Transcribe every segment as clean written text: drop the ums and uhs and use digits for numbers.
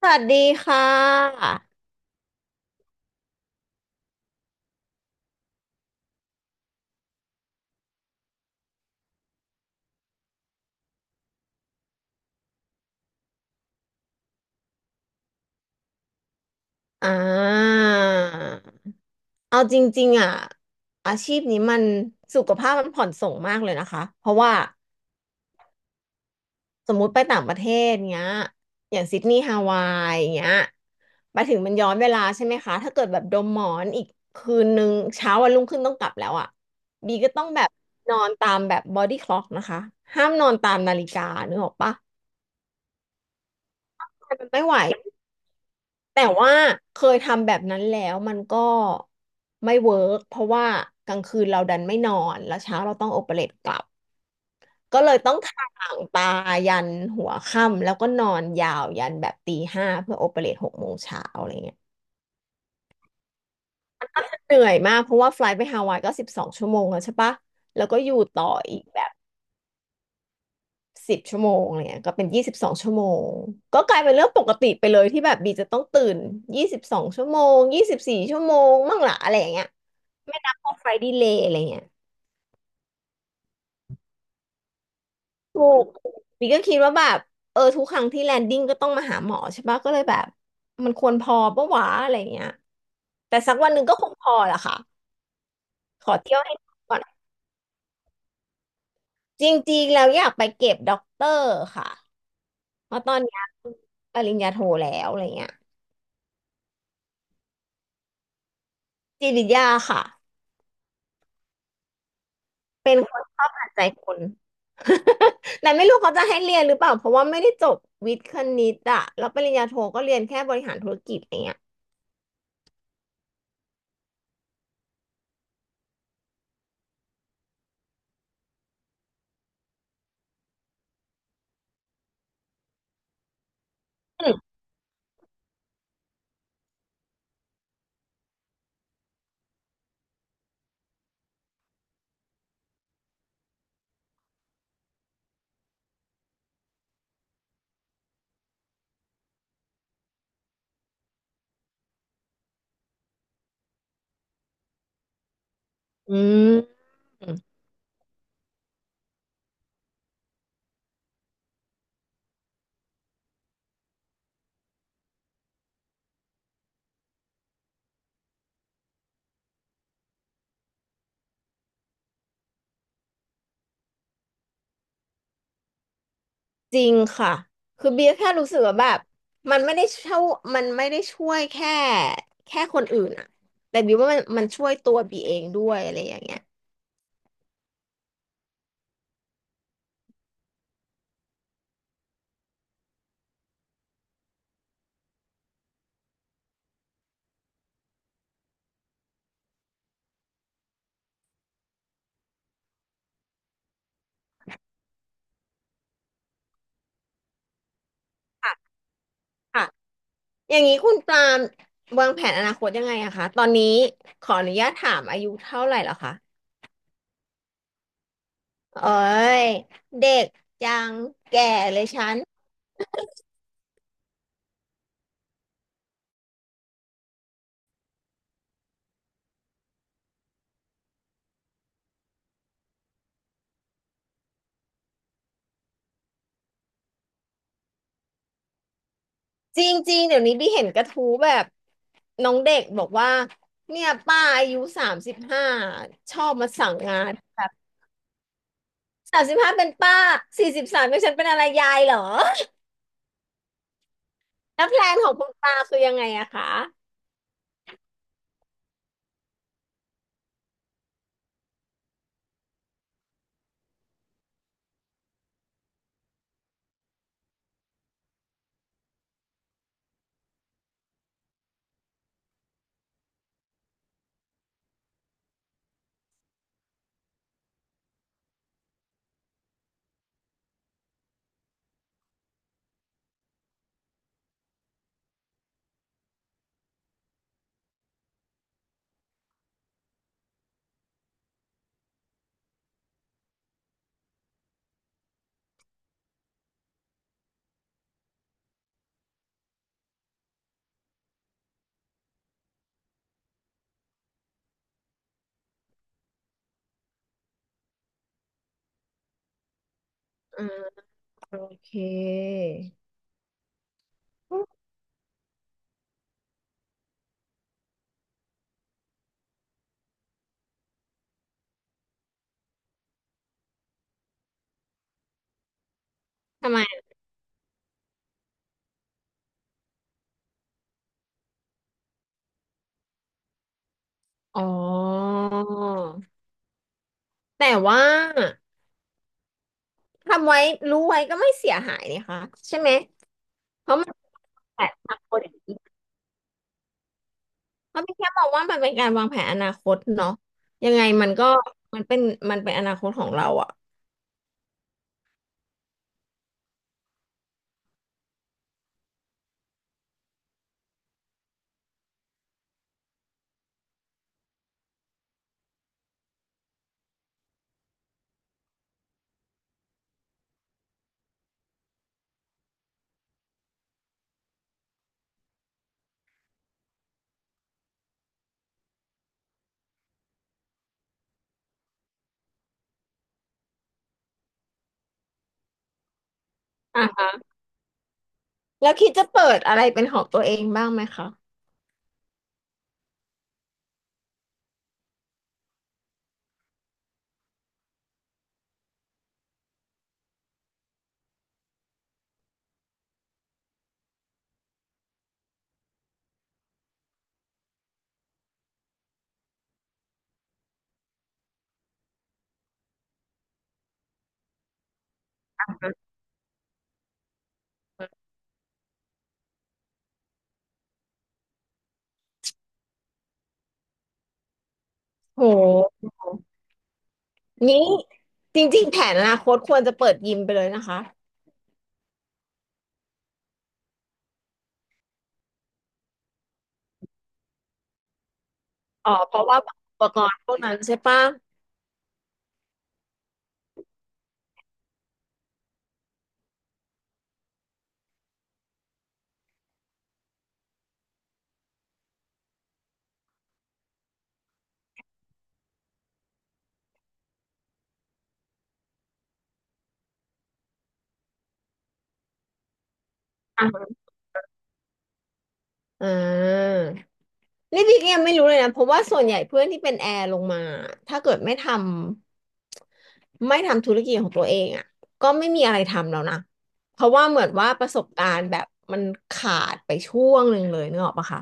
สวัสดีค่ะอ่าเอาจริงๆอ่ะอาชีพนี้มันสุขภาพมันผ่อนส่งมากเลยนะคะ เพราะว่าสมมุติไปต่างประเทศเงี้ยอย่างซิดนีย์ฮาวายเงี้ยไปถึงมันย้อนเวลาใช่ไหมคะถ้าเกิดแบบดมหมอนอีกคืนนึงเช้าวันรุ่งขึ้นต้องกลับแล้วอ่ะบีก็ต้องแบบนอนตามแบบบอดี้คล็อกนะคะห้ามนอนตามนาฬิกานึกออกปะมันไม่ไหว แต่ว่าเคยทำแบบนั้นแล้วมันก็ไม่เวิร์กเพราะว่ากลางคืนเราดันไม่นอนแล้วเช้าเราต้องโอเปเรตกลับก็เลยต้องถ่างตายันหัวค่ำแล้วก็นอนยาวยันแบบตี 5เพื่อโอเปเรต6 โมงเช้าอะไรเงี้ยเหนื่อยมากเพราะว่าไฟลท์ไปฮาวายก็สิบสองชั่วโมงแล้วใช่ปะแล้วก็อยู่ต่ออีกแบบ 10 ชั่วโมงอะไรเงี้ยก็เป็นยี่สิบสองชั่วโมงก็กลายเป็นเรื่องปกติไปเลยที่แบบบีจะต้องตื่นยี่สิบสองชั่วโมง24 ชั่วโมงมั่งละอะไรอย่างเงี้ยไม่นับพวกไฟดีเลย์อะไรเงี้ยถูกบีก็คิดว่าแบบเออทุกครั้งที่แลนดิ้งก็ต้องมาหาหมอใช่ปะก็เลยแบบมันควรพอปะวะอะไรเงี้ยแต่สักวันหนึ่งก็คงพอแหละค่ะขอเที่ยวให้ก่อนจริงๆแล้วอยากไปเก็บด็อกเตอร์ค่ะเพราะตอนเนี้ยปริญญาโทแล้วอะไรเงี้ยจิตวิทยาค่ะ เป็นคนชอบอ่านใจคน แต่ไม่รู้เขาจะให้เรียนหรือเปล่าเพราะว่าไม่ได้จบวิทย์คณิตอะแล้วปริญญาโทก็เรียนแค่บริหารธุรกิจอะไรเงี้ยอืมอืมจริงค่ะคือเบียร์แค่รู้สึกว่าแบบมันไม่ได้ช่วยมันไม่ได้ช่วยแค่คนอื่นอะแต่เบียร์ว่ามันมันช่วยตัวบีเองด้วยอะไรอย่างเงี้ยค่ะค่ะอย่างนี้คุณปรามวางแผนอนาคตยังไงอะคะตอนนี้ขออนุญาตถามอายุเท่าไหร่แล้วคะ โอ้ยเด็กยังแก่เลยฉันจริงๆเดี๋ยวนี้พี่เห็นกระทู้แบบน้องเด็กบอกว่าเนี่ยป้าอายุสามสิบห้าชอบมาสั่งงานแบบสามสิบห้าเป็นป้า43เป็นฉันเป็นอะไรยายเหรอแล้วแพลนของคุณตาคือยังไงอะคะอ่าโอเคทำไมอ๋อแต่ว่าทำไว้รู้ไว้ก็ไม่เสียหายนะคะใช่ไหมเพราะมัน8,000 คน ก็พี่แค่มองว่ามันเป็นการวางแผนอนาคตเนาะยังไงมันก็มันเป็นมันเป็นอนาคตของเราอะอ่ะแล้วคิดจะเปิดอะไรเป็นของตัวเองบ้างไหมคะโหนี้จริงๆแผนอนาคตควรจะเปิดยิมไปเลยนะคะอ๋อเพราะว่าอุปกรณ์พวกนั้นใช่ปะอ่า นี่พี่ก็ยังไม่รู้เลยนะเพราะว่าส่วนใหญ่เพื่อนที่เป็นแอร์ลงมาถ้าเกิดไม่ทำธุรกิจของตัวเองอ่ะก็ไม่มีอะไรทำแล้วนะเพราะว่าเหมือนว่าประสบการณ์แบบมันขาดไปช่วงหนึ่งเลยนึกออกปะคะ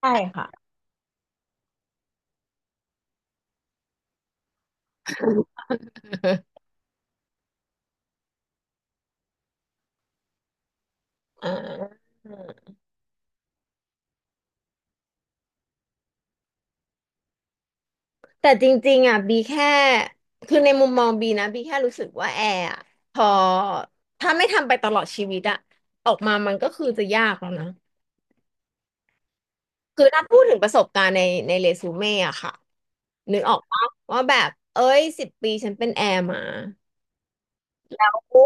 ใช่ค่ะอ่าแต่จริงๆอ่ะบีแค่คือในมุมมองบีนะบีแค่รู้สึกว่าแอร์อะพอถ้าไม่ทำไปตลอดชีวิตอะออกมามันก็คือจะยากแล้วนะ คือถ้าพูดถึงประสบการณ์ในเรซูเม่อะค่ะนึกออกปะว่าแบบเอ้ย10 ปีฉันเป็นแอร์มาโอ้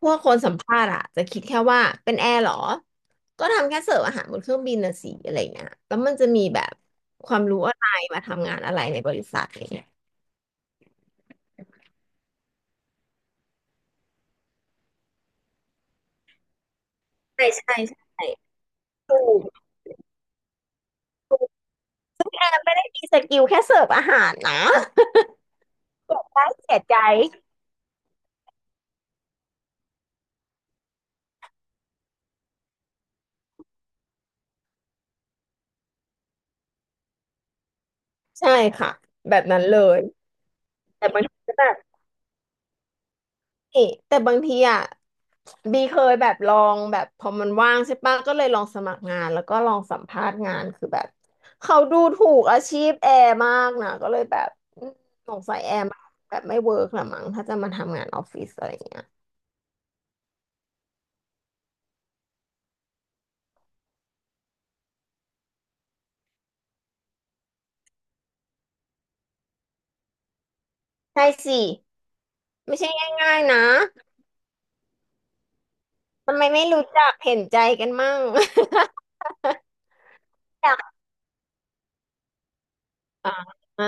พวกคนสัมภาษณ์อะจะคิดแค่ว่าเป็นแอร์เหรอก็ทำแค่เสิร์ฟอาหารบนเครื่องบินนะสิอะไรเงี้ยแล้วมันจะมีแบบความรู้อะไรมาทำงานอะไรในบริษัทอะไรเงี้ยใช่ใช่ใช่ถูกถูกแต่ไม่ได้มีสกิลแค่เสิร์ฟอาหารนะเสียใจเสียใจใช่ค่ะแบบนั้นเลยแต่บางทีก็แบบนี่แต่บางทีอ่ะ บีเคยแบบลองแบบพอมันว่างใช่ปะก็เลยลองสมัครงานแล้วก็ลองสัมภาษณ์งานคือแบบเขาดูถูกอาชีพแอร์มากนะก็เลยแบบอืมสงสัยแอร์แบบไม่เวิร์กหละมั้งถ้าจะมาทำงานออฟฟิศอะไรอย่างเงี้ยใช่สิไม่ใช่ง่ายๆนะทำไมไม่รู้จักเห็นใจกันมั่ง อยากอ่าอ่า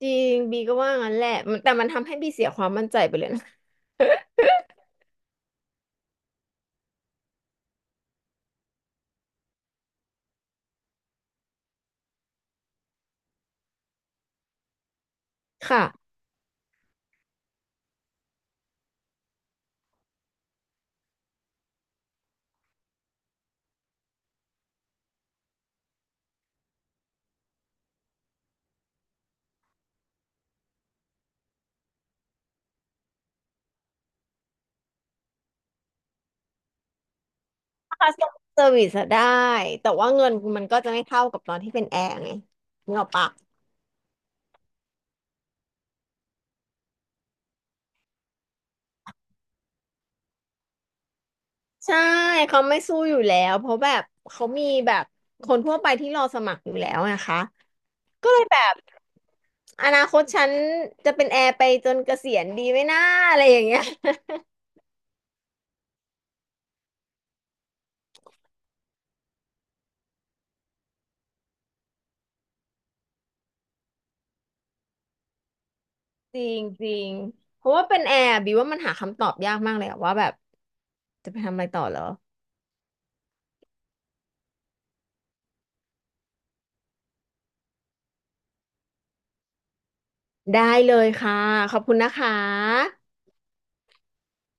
จริงบีก็ว่างั้นแหละมันแต่มันทำให้บีเสียความมั่นใจไปเลยนะค่ะ คัสเซอร์วิสได้แต่ว่าเงินมันก็จะไม่เท่ากับตอนที่เป็นแอร์ไงนึกออกปะใช่เขาไม่สู้อยู่แล้วเพราะแบบเขามีแบบคนทั่วไปที่รอสมัครอยู่แล้วนะคะก็เลยแบบอนาคตฉันจะเป็นแอร์ไปจนเกษียณดีไหมน่าอะไรอย่างเงี้ย จริงจริงเพราะว่าเป็นแอร์บิวว่ามันหาคำตอบยากมากเลยอะว่าแบบจะไปทำอะไรต่อเหรอได้เลยค่ะขอบคุณนะคะ